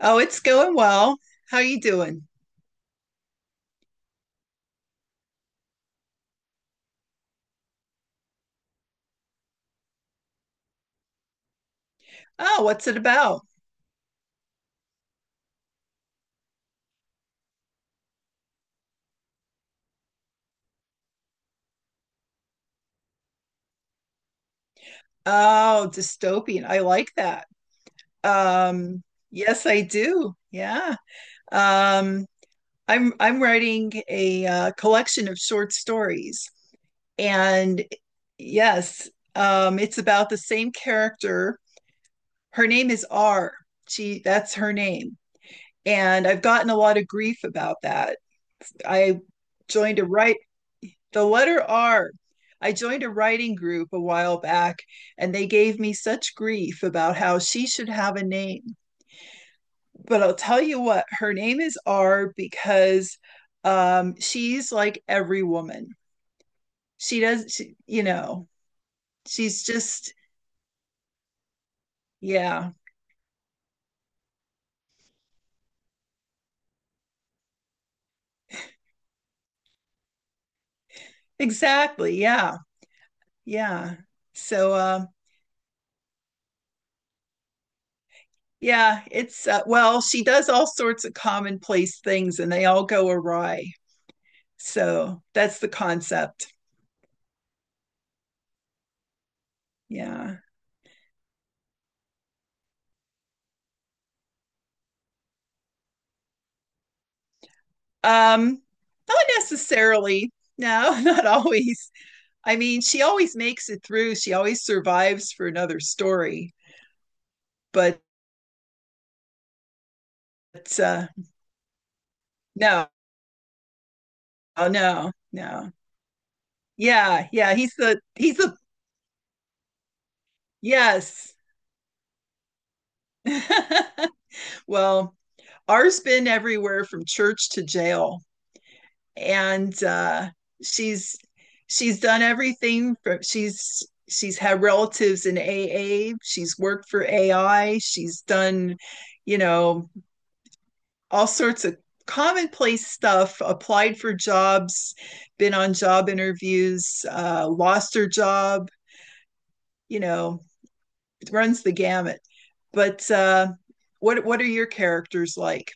Oh, it's going well. How you doing? Oh, what's it about? Oh, dystopian. I like that. Um, yes, I do. Yeah. Um, I'm writing a collection of short stories, and yes, it's about the same character. Her name is R. She That's her name, and I've gotten a lot of grief about that. I joined a write. The letter R. I joined a writing group a while back, and they gave me such grief about how she should have a name. But I'll tell you what, her name is R because she's like every woman. She does, she, you know, she's just, Yeah, exactly. Yeah, yeah. So, yeah, it's, well, she does all sorts of commonplace things and they all go awry. So that's the concept. Yeah. Um, not necessarily. No, not always. I mean, she always makes it through. She always survives for another story. But uh, no, oh, no, no. Yeah, yeah. He's the, he's the, yes. Well, ours been everywhere from church to jail. And she's she's done everything from she's had relatives in AA. She's worked for AI. She's done, you know, all sorts of commonplace stuff, applied for jobs, been on job interviews, lost her job, you know, it runs the gamut. But what are your characters like?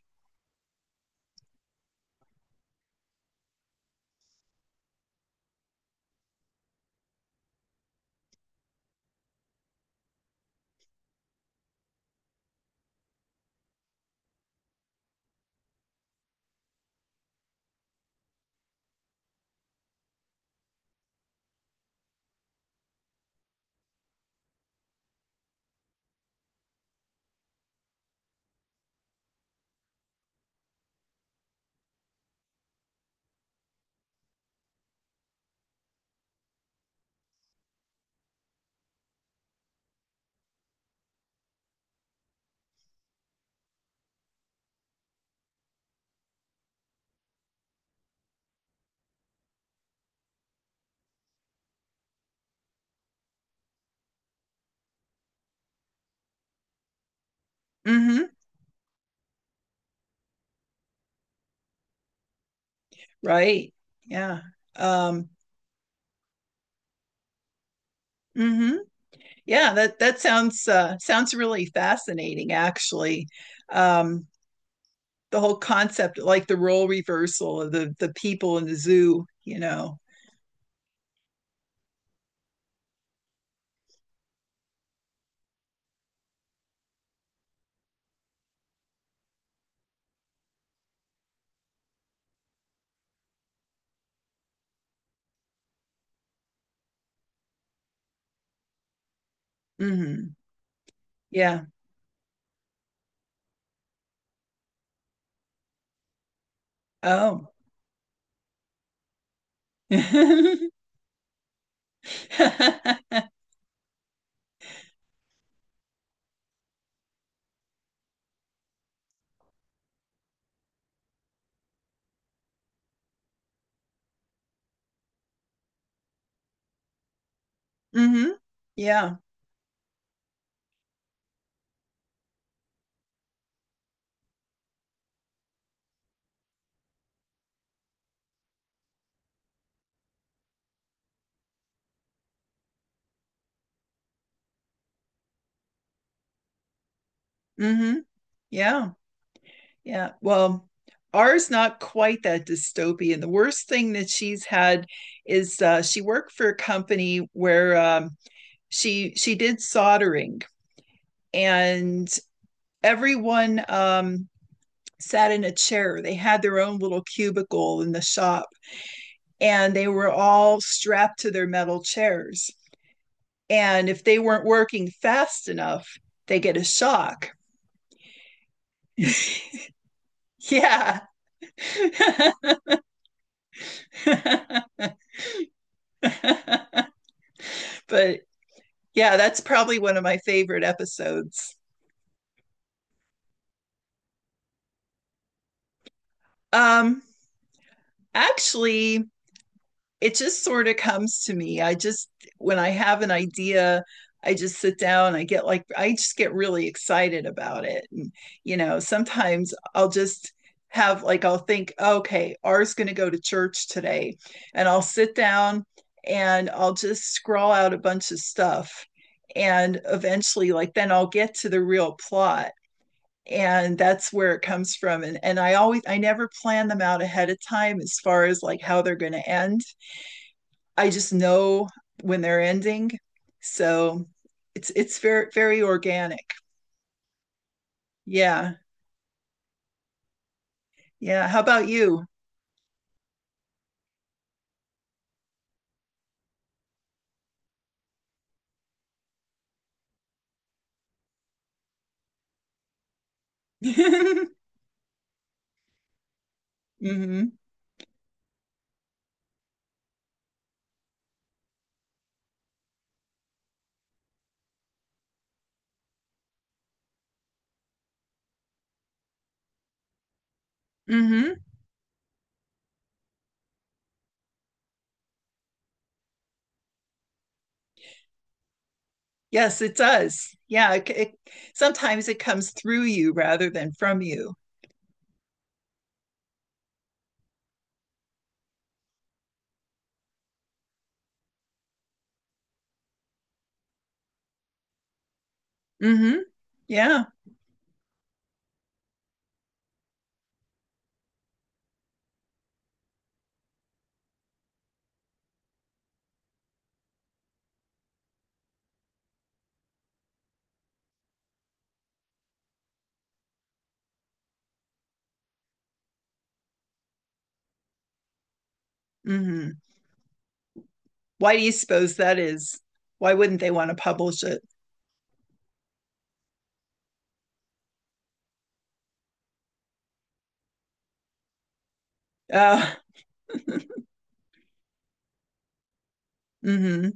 Mm-hmm. Right. Yeah. Um, mm-hmm. Yeah, that that sounds sounds really fascinating, actually. Um, the whole concept, like the role reversal of the people in the zoo, you know. Hmm. Yeah. Oh. Hmm. Yeah. Hmm. Yeah. Yeah. Well, ours not quite that dystopian. The worst thing that she's had is she worked for a company where she did soldering, and everyone sat in a chair. They had their own little cubicle in the shop, and they were all strapped to their metal chairs. And if they weren't working fast enough, they get a shock. Yeah. But yeah, that's probably one of my favorite episodes. Um, actually, it just sort of comes to me. When I have an idea, I just sit down, I just get really excited about it. And, you know, sometimes I'll just have like, I'll think, okay, R's going to go to church today. And I'll sit down and I'll just scrawl out a bunch of stuff. And eventually, like, then I'll get to the real plot, and that's where it comes from. And I always, I never plan them out ahead of time as far as like how they're going to end. I just know when they're ending, so it's very very organic. Yeah, yeah, how about you? Mm-hmm. Mm-hmm. Yes it does, yeah, sometimes it comes through you rather than from you. Mm-hmm. Yeah. Mm-hmm. Why do you suppose that is? Why wouldn't they want to publish it? Uh, mm-hmm.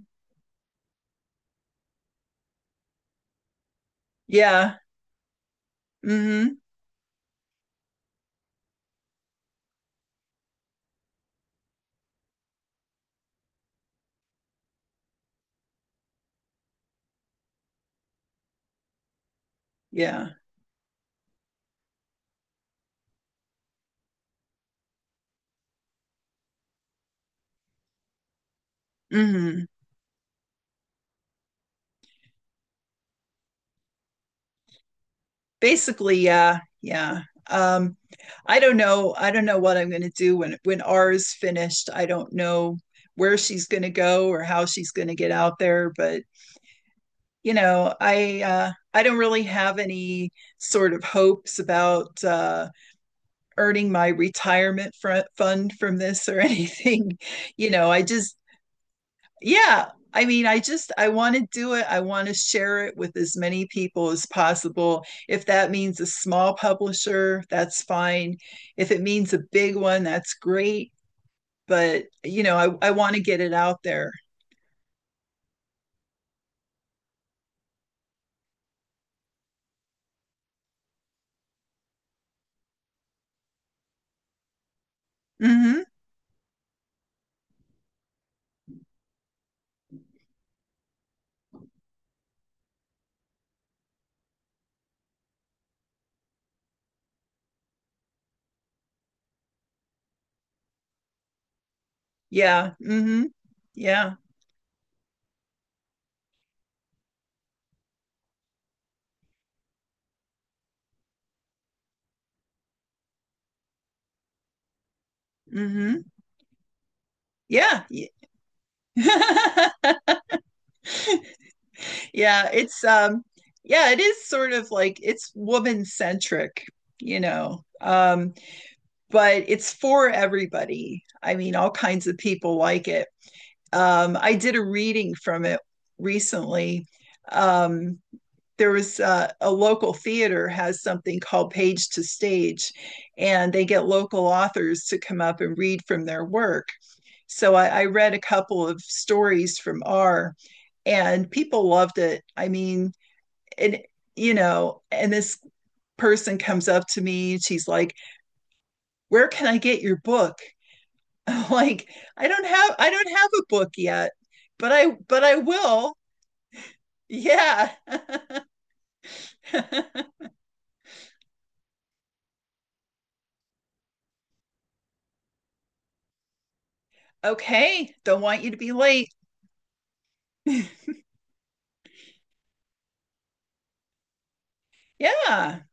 Yeah. Mm-hmm. Yeah. Mm-hmm. Basically, yeah. Yeah. Um, I don't know. I don't know what I'm going to do when R is finished. I don't know where she's going to go or how she's going to get out there, but you know, I don't really have any sort of hopes about earning my retirement fund from this or anything. You know, I just yeah, I mean I just, I want to do it, I want to share it with as many people as possible. If that means a small publisher, that's fine. If it means a big one, that's great. But you know, I want to get it out there. Mm-hmm. Yeah. Hmm. Yeah. Hmm. Yeah. Yeah it's um yeah, it is sort of like, it's woman centric, you know. But it's for everybody. I mean, all kinds of people like it. I did a reading from it recently. Um, there was a local theater has something called Page to Stage, and they get local authors to come up and read from their work. So I read a couple of stories from R, and people loved it. I mean, and you know, and this person comes up to me, and she's like, "Where can I get your book?" Like, I don't have a book yet, but I will. Yeah. Okay, don't want you to be late. Yeah.